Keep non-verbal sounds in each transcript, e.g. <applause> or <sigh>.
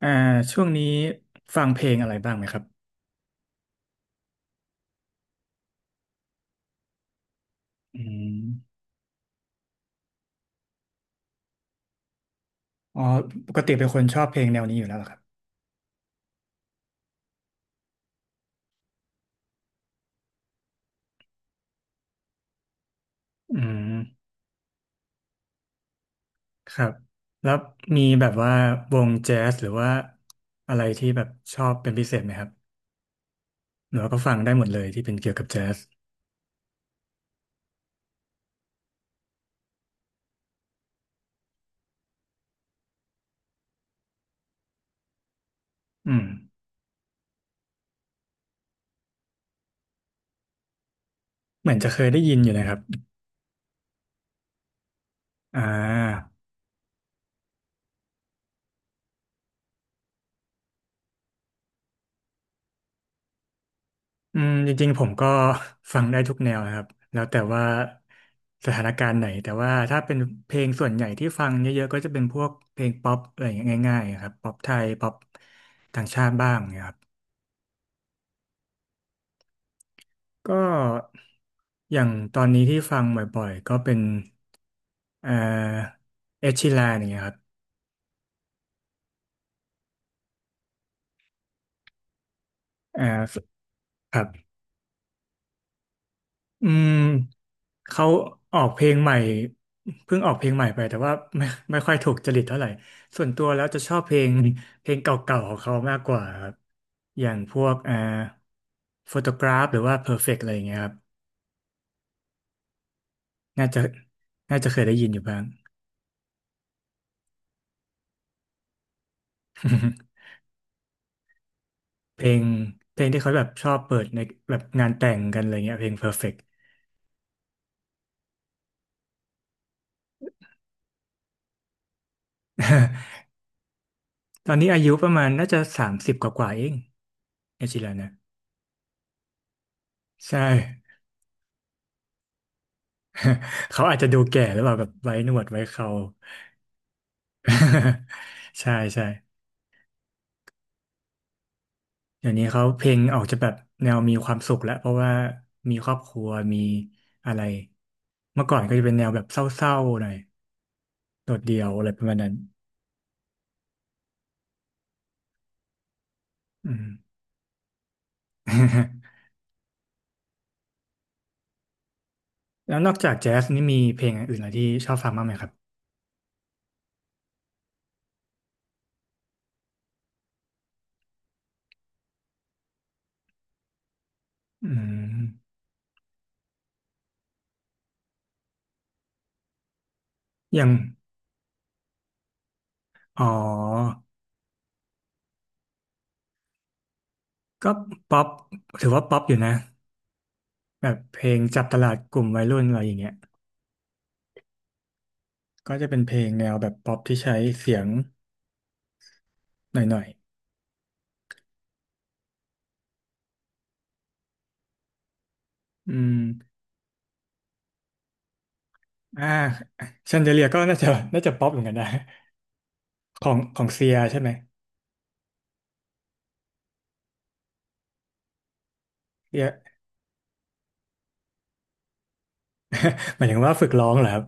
อ่าช่วงนี้ฟังเพลงอะไรบ้างไหมครับอืมอ๋อปกติเป็นคนชอบเพลงแนวนี้อยู่แล้วเหรอครับอืมครับแล้วมีแบบว่าวงแจ๊สหรือว่าอะไรที่แบบชอบเป็นพิเศษไหมครับหรือว่าก็ฟังได้หมดเลยที่เป็นเกี่ยวกับแจ๊สอืมเหมือนจะเคยได้ยินอยู่นะครับอ่า จริงๆผมก็ <laughs> ฟังได้ทุกแนวนะครับแล้วแต่ว่าสถานการณ์ไหนแต่ว่าถ้าเป็นเพลงส่วนใหญ่ที่ฟังเยอะๆก็จะเป็นพวกเพลงป๊อปอะไรอย่างเงี้ยง่ายๆครับป๊อปไทยป๊อปต่างชาติบ้างเนะครับก็อย่างตอนนี้ที่ฟังบ่อยๆก็เป็นเอ่อเอชิลานอย่างเงี้ยครับเอ่อครับอืม เขาออกเพลงใหม่เพิ่งออกเพลงใหม่ไปแต่ว่าไม่ไม่ค่อยถูกจริตเท่าไหร่ส่วนตัวแล้วจะชอบเพลงเก่าๆของเขามากกว่าครับอย่างพวกโฟโตกราฟหรือว่า Perfect อะไรอย่างเงี้ยครับน่าจะน่าจะเคยได้ยินอยู่บ้าง <laughs> เพลงเพลงที่เขาแบบชอบเปิดในแบบงานแต่งกันอะไรเงี้ยเพลง Perfect ตอนนี้อายุประมาณน่าจะ30กว่าๆเองเอชิลานนะใช่ <laughs> เขาอาจจะดูแก่หรือเปล่าแบบไว้หนวดไว้เครา <laughs> ใช่ใช่เดี๋ยวนี้เขาเพลงออกจะแบบแนวมีความสุขแล้วเพราะว่ามีครอบครัวมีอะไรเมื่อก่อนก็จะเป็นแนวแบบเศร้าๆหน่อยโดดเดี่ยวอะไรประมาณนั้นอืม <laughs> แล้วนอกจากแจ๊สนี่มีเพลงอื่นอะไรที่ชอบฟังบ้างไหมครับอืมอย่างอ๋อก็ป๊อปถือว่าป๊อปอยู่นะแบบเพลงจับตลาดกลุ่มวัยรุ่นอะไรอย่างเงี้ยก็จะเป็นเพลงแนวแบบป๊อปที่ใช้เสียงหน่อยๆอืม อ่าแชนเดเลียก็น่าจะป๊อปเหมือนกันนะของเซียใช่ไหมเซีย <laughs> หมายถึงว่าฝึกร้องเหรอครับ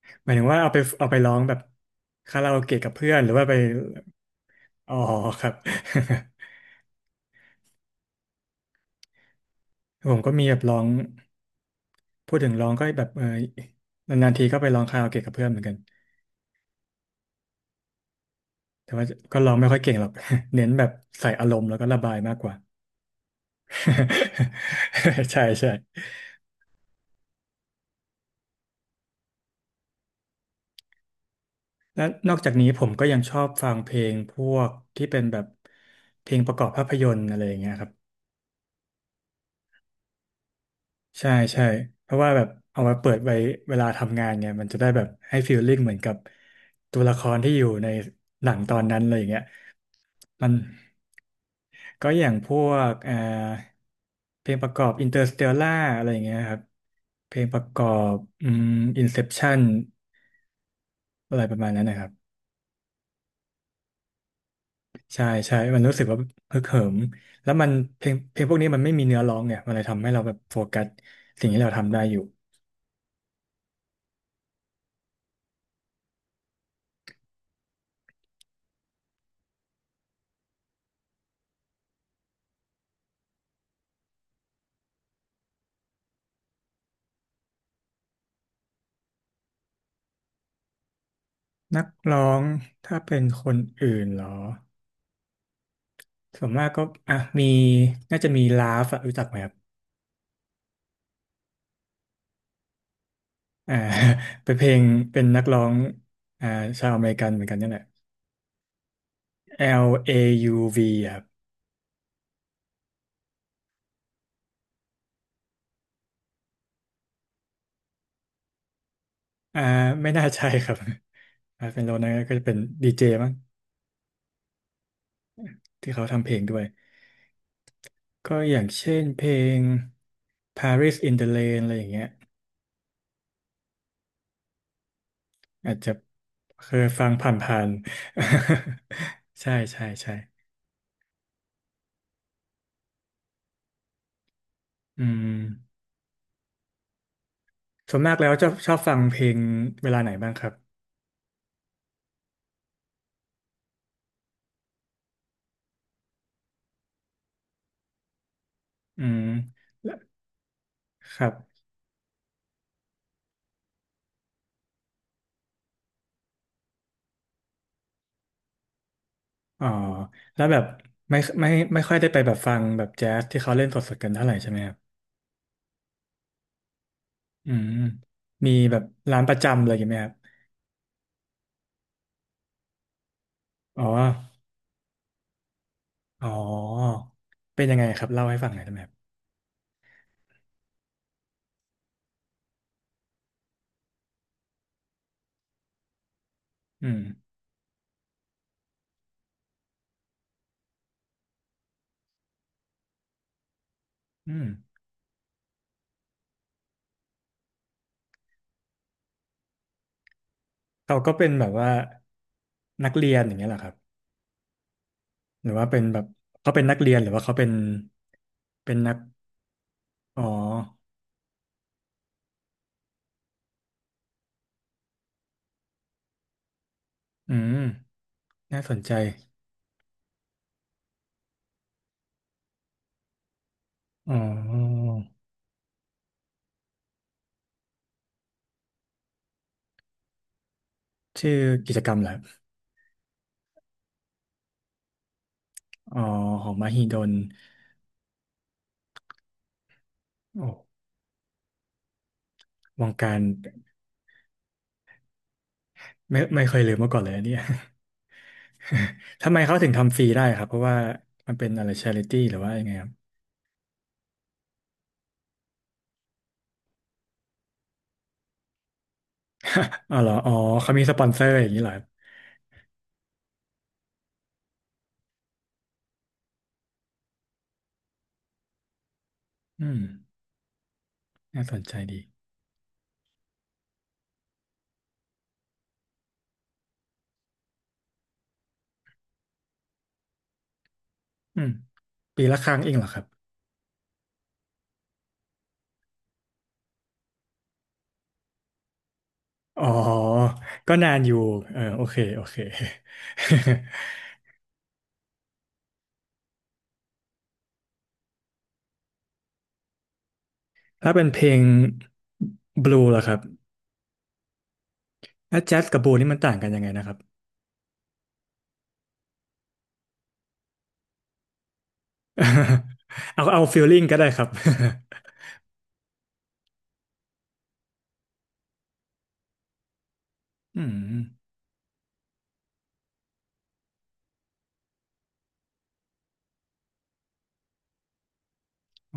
<laughs> หมายถึงว่าเอาไปร้องแบบคาราโอเกะกับเพื่อนหรือว่าไปอ๋อครับ <laughs> ผมก็มีแบบร้องพูดถึงร้องก็แบบนานๆทีก็ไปร้องคาราโอเกะกับเพื่อนเหมือนกันแต่ว่าก็ร้องไม่ค่อยเก่งหรอก <laughs> เน้นแบบใส่อารมณ์แล้วก็ระบายมากกว่า <laughs> ใช่ใช่ และนอกจากนี้ผมก็ยังชอบฟังเพลงพวกที่เป็นแบบเพลงประกอบภาพยนตร์อะไรอย่างเงี้ยครับใช่ใช่เพราะว่าแบบเอาไว้เปิดไว้เวลาทำงานไงมันจะได้แบบให้ฟีลลิ่งเหมือนกับตัวละครที่อยู่ในหนังตอนนั้นเลยอย่างเงี้ยมันก็อย่างพวกเพลงประกอบ Interstellar อะไรอย่างเงี้ยครับเพลงประกอบอืม Inception อะไรประมาณนั้นนะครับ ใช่ใช่มันรู้สึกว่าฮึกเหิมแล้วมันเพลงพวกนี้มันไม่มีเนื้อร้องเนี่ยมันเลยทำให้เราแบบโฟกัสสิ่งที่เราทำได้อยู่นักร้องถ้าเป็นคนอื่นเหรอส่วนมากก็อ่ะมีน่าจะมีลาฟอะรู้จักไหมครับอ่า <laughs> เป็นเพลงเป็นนักร้องอ่าชาวอเมริกันเหมือนกันนี่แหละ Lauv อยูวีอะครับอ่าไม่น่าใช่ครับ <laughs> เป็นโลนะก็จะเป็นดีเจมั้งที่เขาทำเพลงด้วยก็อย่างเช่นเพลง Paris in the Rain อะไรอย่างเงี้ย อาจจะเคยฟังผ่านๆ <laughs> ใช่ใช่ใช่อืมส่วนมากแล้วจะชอบฟังเพลงเวลาไหนบ้างครับอืมแล้วครับอ๋อแล้วแบบไม่ไม่ไม่ค่อยได้ไปแบบฟังแบบแจ๊สที่เขาเล่นสดๆกันเท่าไหร่ใช่ไหมครับอืมมีแบบร้านประจำอะไรอย่างไหมครับอ๋ออ๋อเป็นยังไงครับเล่าให้ฟังหน่อยได้ไหมครับอืมอืมเขาก็เป็นแบบว่านักเรียนอย่างเงี้ยเหรอครับ หรือว่าเป็นแบบเขาเป็นนักเรียนหรือว่าเขาเป็นนักอ๋ออืมน่าสนใจอ๋อชื่อกิจกรรมแหละอ๋อของมหิดลโอ้วงการไม่เคยลืมมาก่อนเลยอันเนี่ย <laughs> ทำไมเขาถึงทำฟรีได้ครับเพราะว่ามันเป็นอะไรชาริตี้หรือว่ายังไงครับ <laughs> อ๋อเหรออ๋อเขามีสปอนเซอร์อย่างนี้เหรอครับอืมน่าสนใจดีอืมปีละครั้งเองเหรอครับอ๋อก็นานอยู่เออโอเคโอเค <laughs> ถ้าเป็นเพลงบลูล่ะครับแล้วแจ๊สกับบลูนี่มันต่างกันยังไงนะครับ <laughs> เอาฟีลลิ่งก็ได้ครับ <laughs> อืม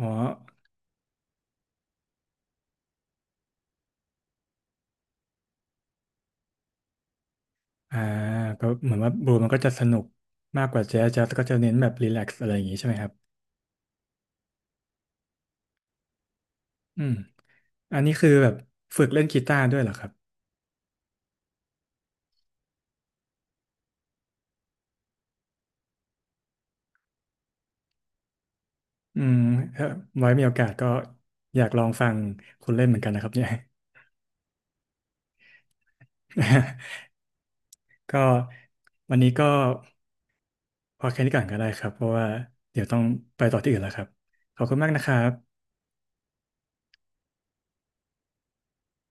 อ๋ออ่าก็เหมือนว่าบลูมันก็จะสนุกมากกว่าแจ๊สแจ๊สก็จะเน้นแบบรีแลกซ์อะไรอย่างงี้ใช่ไหมครับอืมอันนี้คือแบบฝึกเล่นกีตาร์ด้วยเหรอครับอืมถ้าไว้มีโอกาสก็อยากลองฟังคุณเล่นเหมือนกันนะครับเนี่ย <laughs> ก็วันนี้ก็ พอแค่นี้ก่อนก็ได้ครับเพราะว่าเดี๋ยวต้องไปต่อที่อื่นแล้วครับ ขอบคุณมากนะครับ